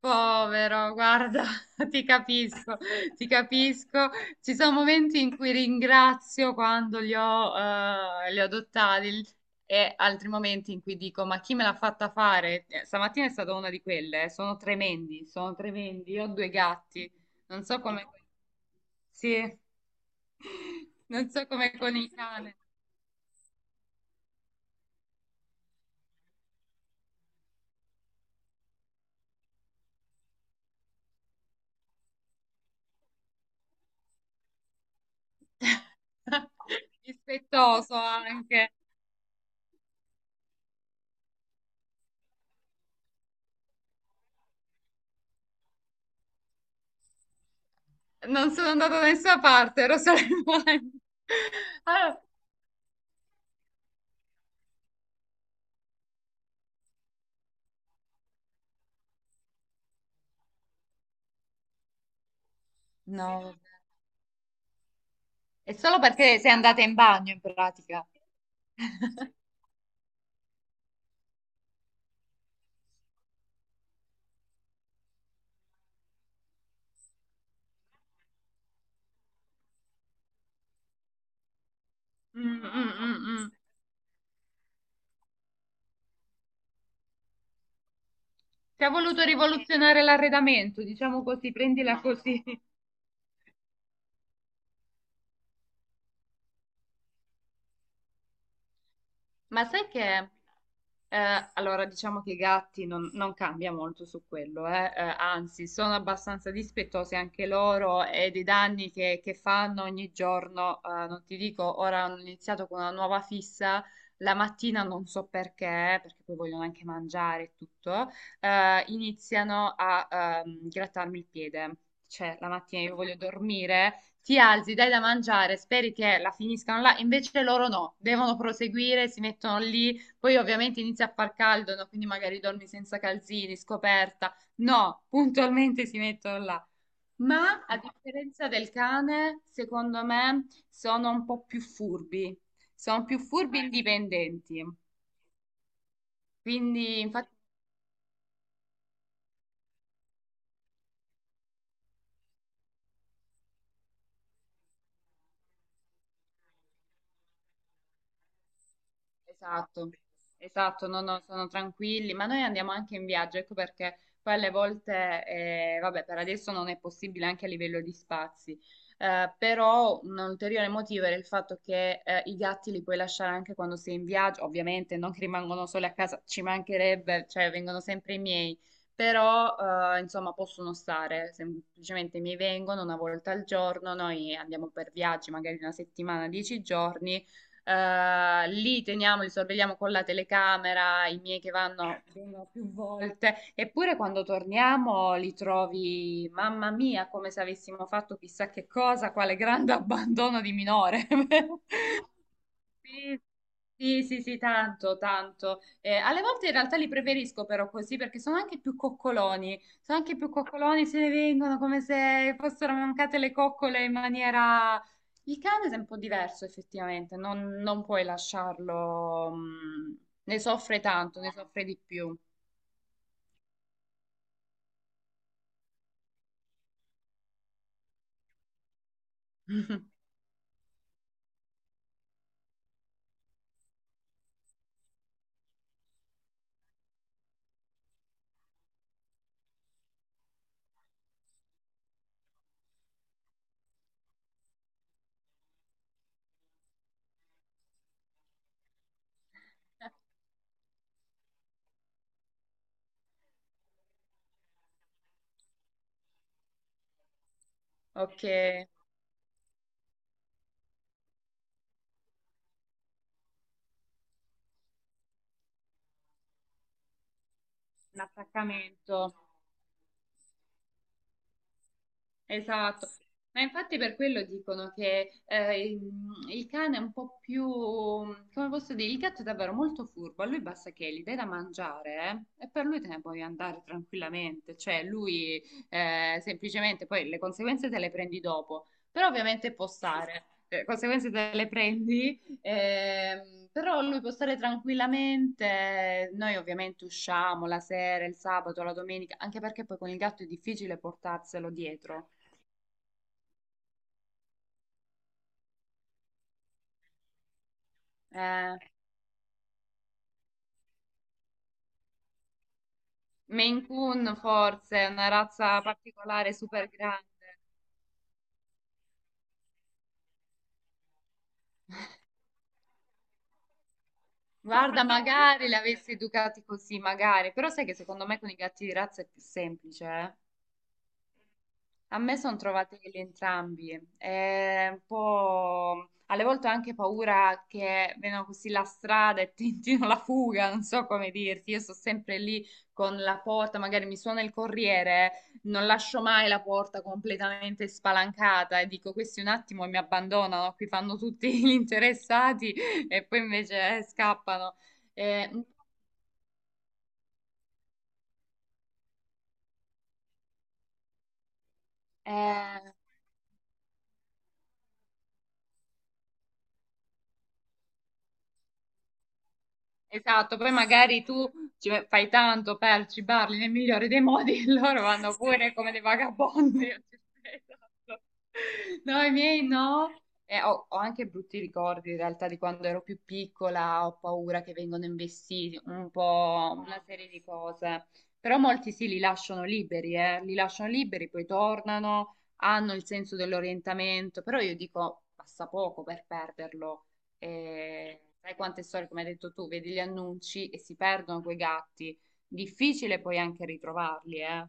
Povero, guarda, ti capisco, ti capisco. Ci sono momenti in cui ringrazio quando li ho adottati e altri momenti in cui dico, ma chi me l'ha fatta fare? Stamattina è stata una di quelle, sono tremendi, sono tremendi. Io ho due gatti, non so come... Sì, non so come con il cane. Rispettoso anche. Non sono andata da nessuna parte, ero solo in bagno. Allora, no, è solo perché sei andata in bagno in pratica. Mm, mm, mm, mm. Ti ha voluto rivoluzionare l'arredamento, diciamo così, prendila così. Ma sai che, allora diciamo che i gatti non cambia molto su quello, eh. Anzi sono abbastanza dispettosi anche loro e dei danni che fanno ogni giorno, non ti dico, ora hanno iniziato con una nuova fissa, la mattina non so perché, perché poi vogliono anche mangiare e tutto, iniziano a grattarmi il piede. Cioè, la mattina io voglio dormire, ti alzi, dai da mangiare, speri che la finiscano là, invece loro no, devono proseguire, si mettono lì, poi ovviamente inizia a far caldo, no? Quindi magari dormi senza calzini, scoperta. No, puntualmente si mettono là. Ma a differenza del cane, secondo me sono un po' più furbi, sono più furbi e indipendenti. Quindi, infatti, esatto, esatto, no, no, sono tranquilli, ma noi andiamo anche in viaggio, ecco perché poi alle volte, vabbè, per adesso non è possibile anche a livello di spazi, però un ulteriore motivo era il fatto che i gatti li puoi lasciare anche quando sei in viaggio, ovviamente non che rimangono soli a casa, ci mancherebbe, cioè vengono sempre i miei, però insomma possono stare, semplicemente mi vengono una volta al giorno, noi andiamo per viaggi, magari una settimana, dieci giorni li teniamo, li sorvegliamo con la telecamera, i miei che vanno vengono più volte, eppure quando torniamo li trovi, mamma mia, come se avessimo fatto chissà che cosa, quale grande abbandono di minore. Sì, sì, sì, sì, tanto, tanto. Alle volte in realtà li preferisco però così perché sono anche più coccoloni. Sono anche più coccoloni, se ne vengono come se fossero mancate le coccole in maniera... Il cane è un po' diverso effettivamente, non puoi lasciarlo... mm, ne soffre tanto, ne soffre di più. Ok, un attaccamento. Esatto, ma infatti per quello dicono che il cane è un po' più, come posso dire, il gatto è davvero molto furbo, a lui basta che gli dai da mangiare e per lui te ne puoi andare tranquillamente, cioè lui semplicemente poi le conseguenze te le prendi dopo, però ovviamente può stare, le conseguenze te le prendi, però lui può stare tranquillamente, noi ovviamente usciamo la sera, il sabato, la domenica, anche perché poi con il gatto è difficile portarselo dietro. Eh, Maine Coon forse, è una razza particolare, super grande. Guarda, magari l'avessi educati così, magari, però sai che secondo me con i gatti di razza è più semplice, eh? A me sono trovatelli entrambi, è un po' alle volte ho anche paura che vengano così la strada e tentino la fuga, non so come dirti, io sto sempre lì con la porta, magari mi suona il corriere, non lascio mai la porta completamente spalancata e dico questi un attimo e mi abbandonano, qui fanno tutti gli interessati e poi invece scappano. Eh, eh, Esatto, poi magari tu ci fai tanto per cibarli nel migliore dei modi e loro vanno pure come dei vagabondi. Esatto. No, i miei no. E ho anche brutti ricordi in realtà di quando ero più piccola, ho paura che vengano investiti, un po' una serie di cose. Però molti sì, li lasciano liberi, li lasciano liberi, poi tornano, hanno il senso dell'orientamento, però io dico, passa poco per perderlo sai quante storie, come hai detto tu, vedi gli annunci e si perdono quei gatti. Difficile poi anche ritrovarli, eh.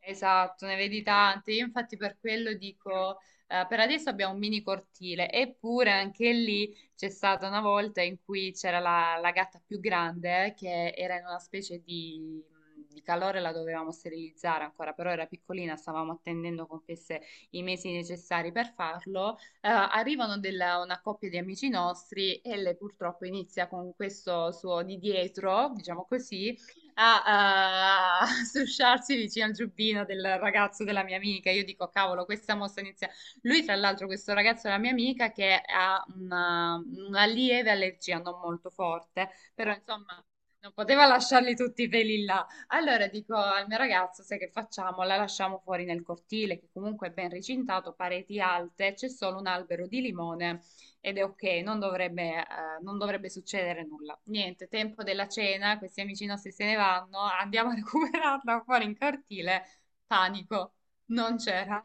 Esatto, ne vedi tante. Io infatti per quello dico, per adesso abbiamo un mini cortile, eppure anche lì c'è stata una volta in cui c'era la gatta più grande che era in una specie di calore, la dovevamo sterilizzare ancora, però era piccolina, stavamo attendendo compiesse i mesi necessari per farlo. Arrivano una coppia di amici nostri e lei purtroppo inizia con questo suo di dietro, diciamo così a, a strusciarsi vicino al giubbino del ragazzo della mia amica. Io dico, cavolo, questa mossa inizia. Lui, tra l'altro, questo ragazzo della mia amica che ha una lieve allergia, non molto forte, però insomma. Non poteva lasciarli tutti i peli là. Allora dico al mio ragazzo, sai che facciamo? La lasciamo fuori nel cortile, che comunque è ben recintato, pareti alte, c'è solo un albero di limone ed è ok, non dovrebbe, non dovrebbe succedere nulla. Niente, tempo della cena, questi amici nostri se ne vanno, andiamo a recuperarla fuori in cortile. Panico, non c'era.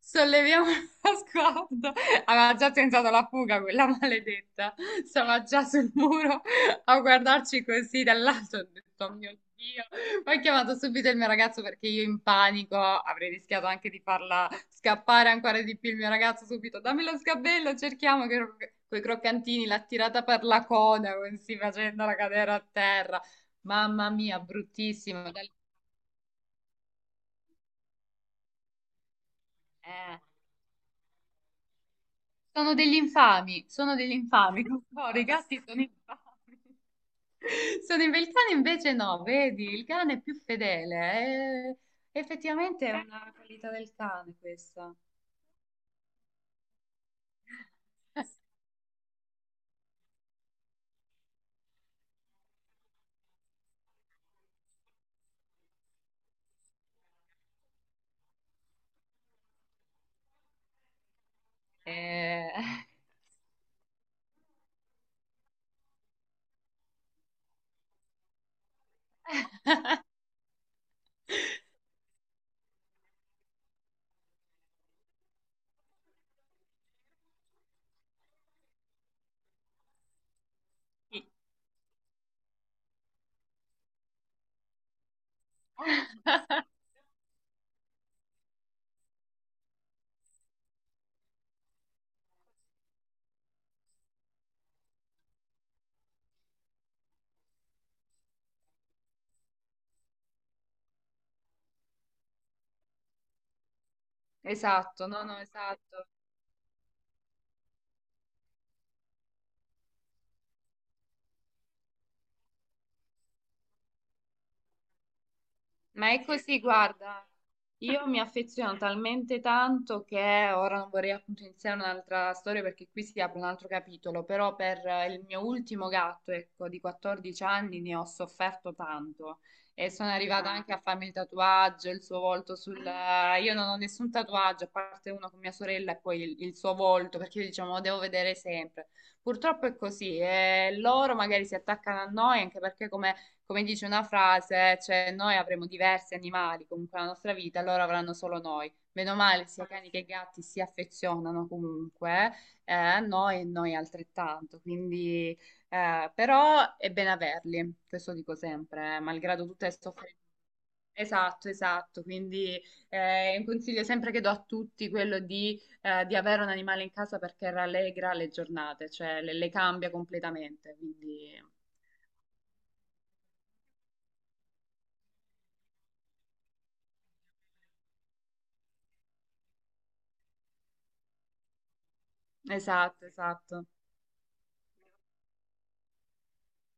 Solleviamo lo sguardo. Aveva già tentato la fuga quella maledetta. Stava già sul muro a guardarci così dall'alto. Ho detto, "Oh mio Dio." Ho chiamato subito il mio ragazzo perché io in panico avrei rischiato anche di farla scappare ancora di più. Il mio ragazzo subito, dammi lo sgabello, cerchiamo che quei croccantini, l'ha tirata per la coda, così facendola cadere a terra. Mamma mia, bruttissimo. Da lì- eh, sono degli infami, sono degli infami. No, i gatti sono infami. Il cane invece no, vedi, il cane è più fedele. Eh, effettivamente è una qualità del cane questa. Eh, esatto, no, no, esatto. Ma è così, guarda, io mi affeziono talmente tanto che ora non vorrei appunto iniziare un'altra storia perché qui si apre un altro capitolo, però per il mio ultimo gatto, ecco, di 14 anni ne ho sofferto tanto e sono arrivata anche a farmi il tatuaggio, il suo volto sul... Io non ho nessun tatuaggio, a parte uno con mia sorella e poi il suo volto, perché io diciamo lo devo vedere sempre. Purtroppo è così, e loro magari si attaccano a noi anche perché come dice una frase, cioè noi avremo diversi animali comunque nella nostra vita, loro avranno solo noi. Meno male, sia cani che gatti si affezionano comunque a noi e noi altrettanto. Quindi, però è bene averli, questo dico sempre, malgrado tutte le sofferenze. Esatto, esatto. Quindi un consiglio sempre che do a tutti quello di avere un animale in casa perché rallegra le giornate, cioè le cambia completamente. Quindi, esatto, esatto.